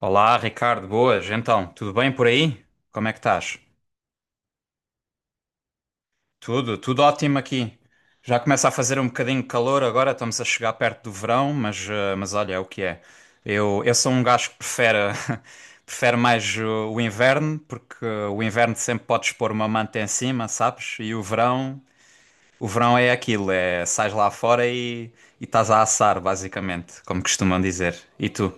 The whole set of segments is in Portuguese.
Olá, Ricardo, boas. Então, tudo bem por aí? Como é que estás? Tudo, tudo ótimo aqui. Já começa a fazer um bocadinho de calor agora, estamos a chegar perto do verão, mas olha, é o que é. Eu sou um gajo que prefere, prefere mais o inverno, porque o inverno sempre podes pôr uma manta em cima, sabes? E o verão é aquilo, é sais lá fora e estás a assar, basicamente, como costumam dizer. E tu?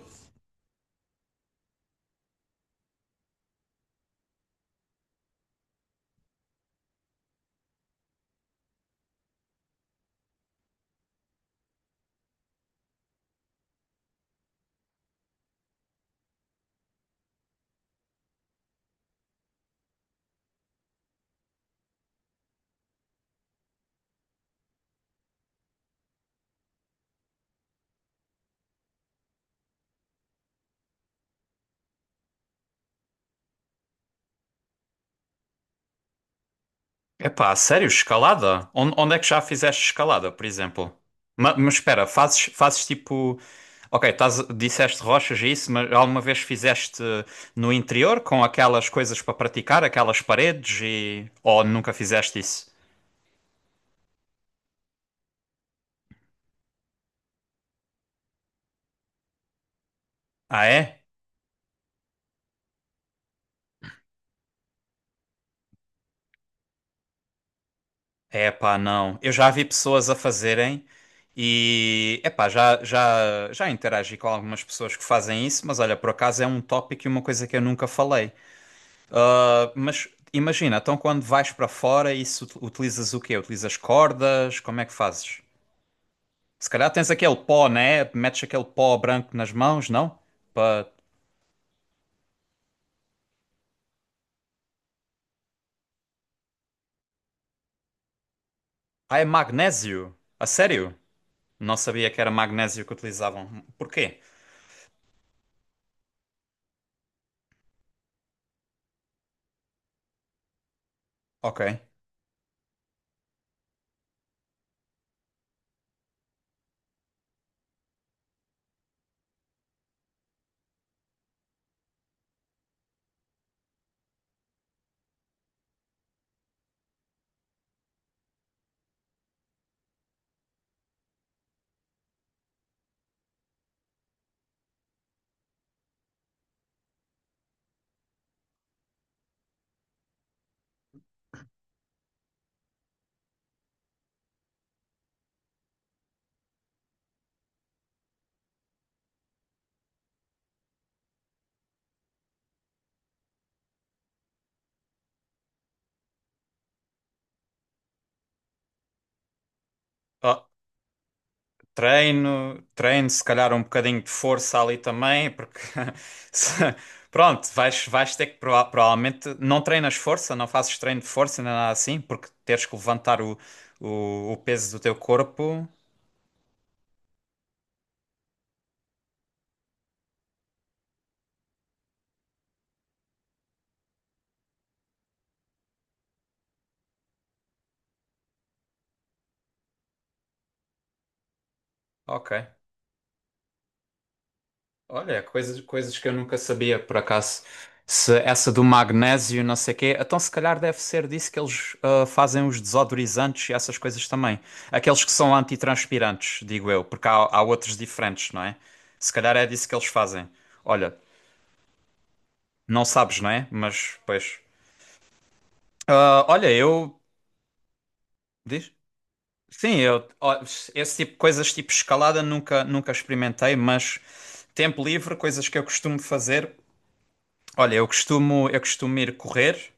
Epá, sério, escalada? Onde é que já fizeste escalada, por exemplo? Mas, espera, fazes tipo. Ok, estás, disseste rochas e isso, mas alguma vez fizeste no interior com aquelas coisas para praticar, aquelas paredes e. Ou nunca fizeste isso? Ah, é? É, epá, não. Eu já vi pessoas a fazerem e. Epá, já interagi com algumas pessoas que fazem isso, mas olha, por acaso é um tópico e uma coisa que eu nunca falei. Ah, mas imagina, então quando vais para fora, isso utilizas o quê? Utilizas cordas? Como é que fazes? Se calhar tens aquele pó, né? Metes aquele pó branco nas mãos, não? Pa- Ah, é magnésio. A sério? Não sabia que era magnésio que utilizavam. Porquê? Ok. Ah, treino, treino, se calhar um bocadinho de força ali também, porque se- pronto, vais ter que provavelmente não treinas força, não fazes treino de força nem nada assim, porque teres que levantar o, o peso do teu corpo. Ok. Olha, coisas, coisas que eu nunca sabia, por acaso. Se essa do magnésio, não sei quê, então se calhar deve ser disso que eles fazem os desodorizantes e essas coisas também. Aqueles que são antitranspirantes, digo eu, porque há outros diferentes, não é? Se calhar é disso que eles fazem. Olha, não sabes, não é? Mas, pois. Ah, olha, eu. Diz? Sim, eu. Ó, esse tipo de coisas, tipo escalada, nunca, nunca experimentei, mas tempo livre, coisas que eu costumo fazer. Olha, eu costumo ir correr.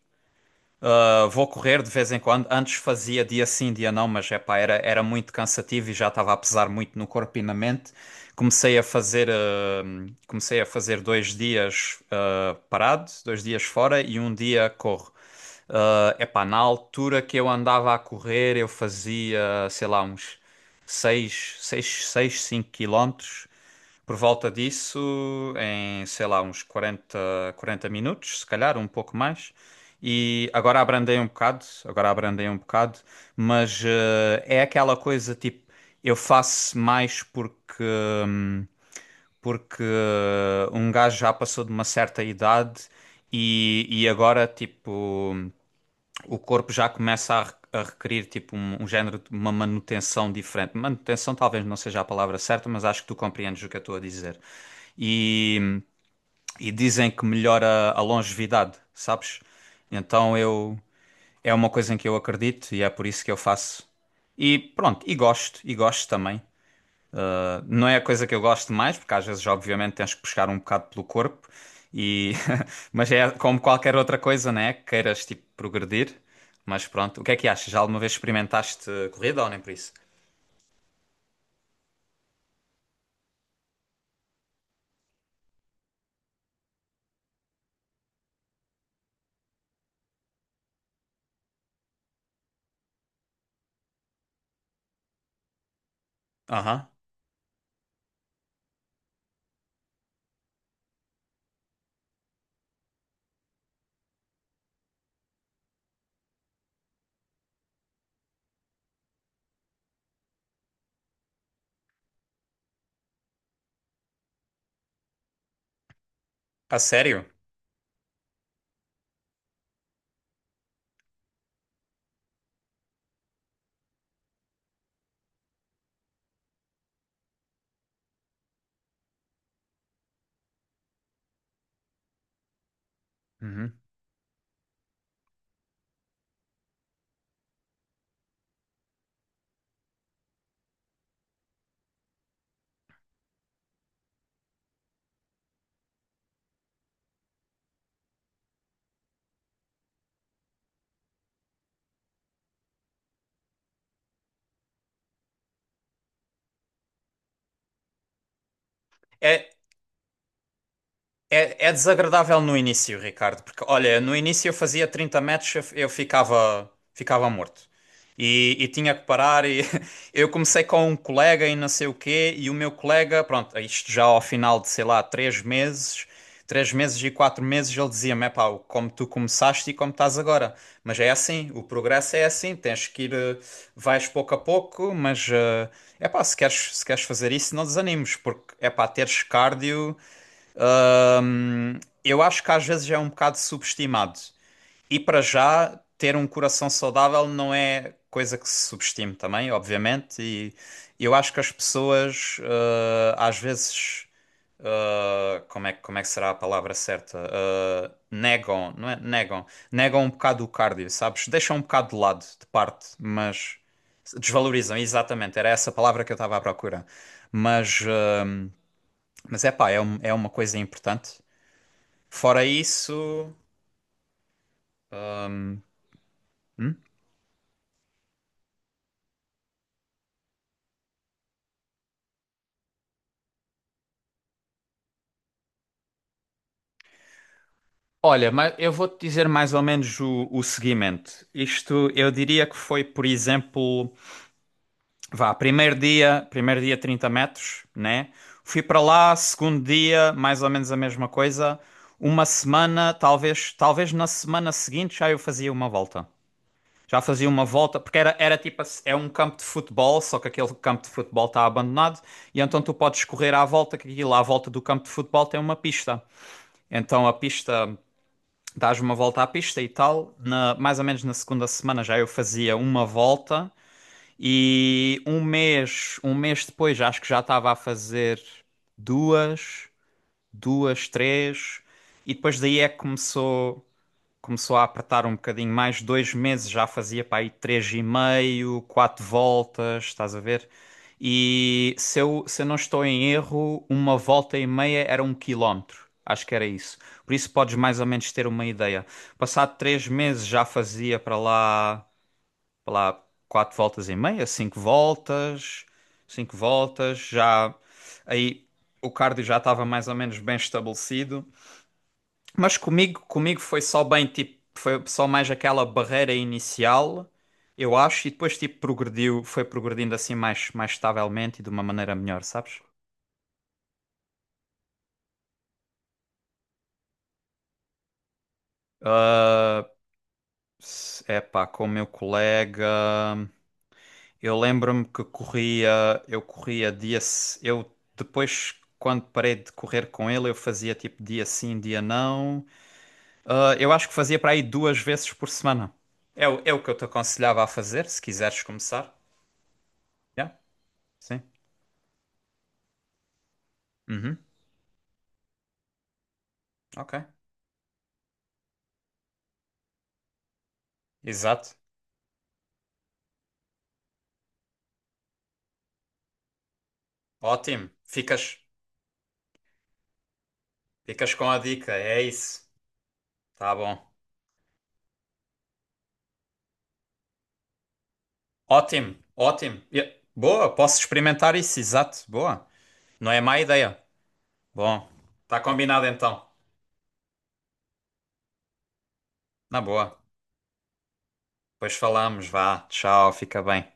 Vou correr de vez em quando. Antes fazia dia sim, dia não, mas epá, era muito cansativo e já estava a pesar muito no corpo e na mente. Comecei a fazer 2 dias parado, 2 dias fora e um dia corro. Epá, na altura que eu andava a correr, eu fazia, sei lá, uns 6 6 6 5 quilómetros. Por volta disso, em, sei lá, uns 40 minutos, se calhar, um pouco mais. E agora abrandei um bocado, agora abrandei um bocado, mas é aquela coisa tipo, eu faço mais porque, hum, porque um gajo já passou de uma certa idade e agora, tipo o corpo já começa a requerir tipo um género de uma manutenção diferente. Manutenção talvez não seja a palavra certa, mas acho que tu compreendes o que eu estou a dizer. E, e dizem que melhora a longevidade, sabes? Então eu é uma coisa em que eu acredito e é por isso que eu faço. E pronto, e gosto também. Não é a coisa que eu gosto mais, porque às vezes, obviamente, tens que puxar um bocado pelo corpo, e... mas é como qualquer outra coisa, né? Que queiras, tipo, progredir. Mas pronto, o que é que achas? Já alguma vez experimentaste corrida ou nem por isso? Aham. A sério? Uhum. É, é, é desagradável no início, Ricardo, porque olha, no início eu fazia 30 metros, eu ficava, ficava morto. E tinha que parar. E eu comecei com um colega e não sei o quê, e o meu colega, pronto, isto já ao final de sei lá, 3 meses, 3 meses e 4 meses, ele dizia-me: é pá, como tu começaste e como estás agora. Mas é assim, o progresso é assim, tens que ir, vais pouco a pouco, mas é pá, se queres fazer isso, não desanimes, porque é pá, teres cardio. Eu acho que às vezes é um bocado subestimado. E para já, ter um coração saudável não é coisa que se subestime também, obviamente. E eu acho que as pessoas, às vezes, como é que será a palavra certa? Negam, não é? Negam. Negam um bocado o cardio, sabes? Deixam um bocado de lado, de parte, mas desvalorizam, exatamente. Era essa palavra que eu estava à procura. Mas, eh, mas é pá, é uma coisa importante. Fora isso, olha, mas eu vou-te dizer mais ou menos o seguimento. Isto eu diria que foi, por exemplo, vá, primeiro dia 30 metros, né? Fui para lá, segundo dia, mais ou menos a mesma coisa. Uma semana, talvez, na semana seguinte já eu fazia uma volta. Já fazia uma volta, porque era tipo, assim, é um campo de futebol, só que aquele campo de futebol está abandonado, e então tu podes correr à volta, que aquilo à volta do campo de futebol tem uma pista. Então a pista. Dás uma volta à pista e tal. Mais ou menos na segunda semana já eu fazia uma volta e um mês depois já acho que já estava a fazer duas, duas, três e depois daí é que começou a apertar um bocadinho mais, 2 meses já fazia para aí três e meio, quatro voltas, estás a ver? E se eu não estou em erro, uma volta e meia era 1 quilómetro. Acho que era isso. Por isso podes mais ou menos ter uma ideia. Passado 3 meses já fazia para lá quatro voltas e meia, cinco voltas, cinco voltas. Já aí o cardio já estava mais ou menos bem estabelecido. Mas comigo foi só bem, tipo, foi só mais aquela barreira inicial, eu acho, e depois, tipo, progrediu, foi progredindo assim mais, estavelmente e de uma maneira melhor, sabes? Epá, com o meu colega, eu lembro-me que corria, eu corria dia, eu depois, quando parei de correr com ele, eu fazia tipo dia sim, dia não. Ah, eu acho que fazia para aí 2 vezes por semana. É, é o que eu te aconselhava a fazer, se quiseres começar. Yeah, sim. Uhum, ok. Exato. Ótimo. Ficas com a dica. É isso. Tá bom. Ótimo, ótimo. Boa, posso experimentar isso. Exato. Boa. Não é má ideia. Bom, tá combinado então. Na boa. Depois falamos. Vá. Tchau. Fica bem.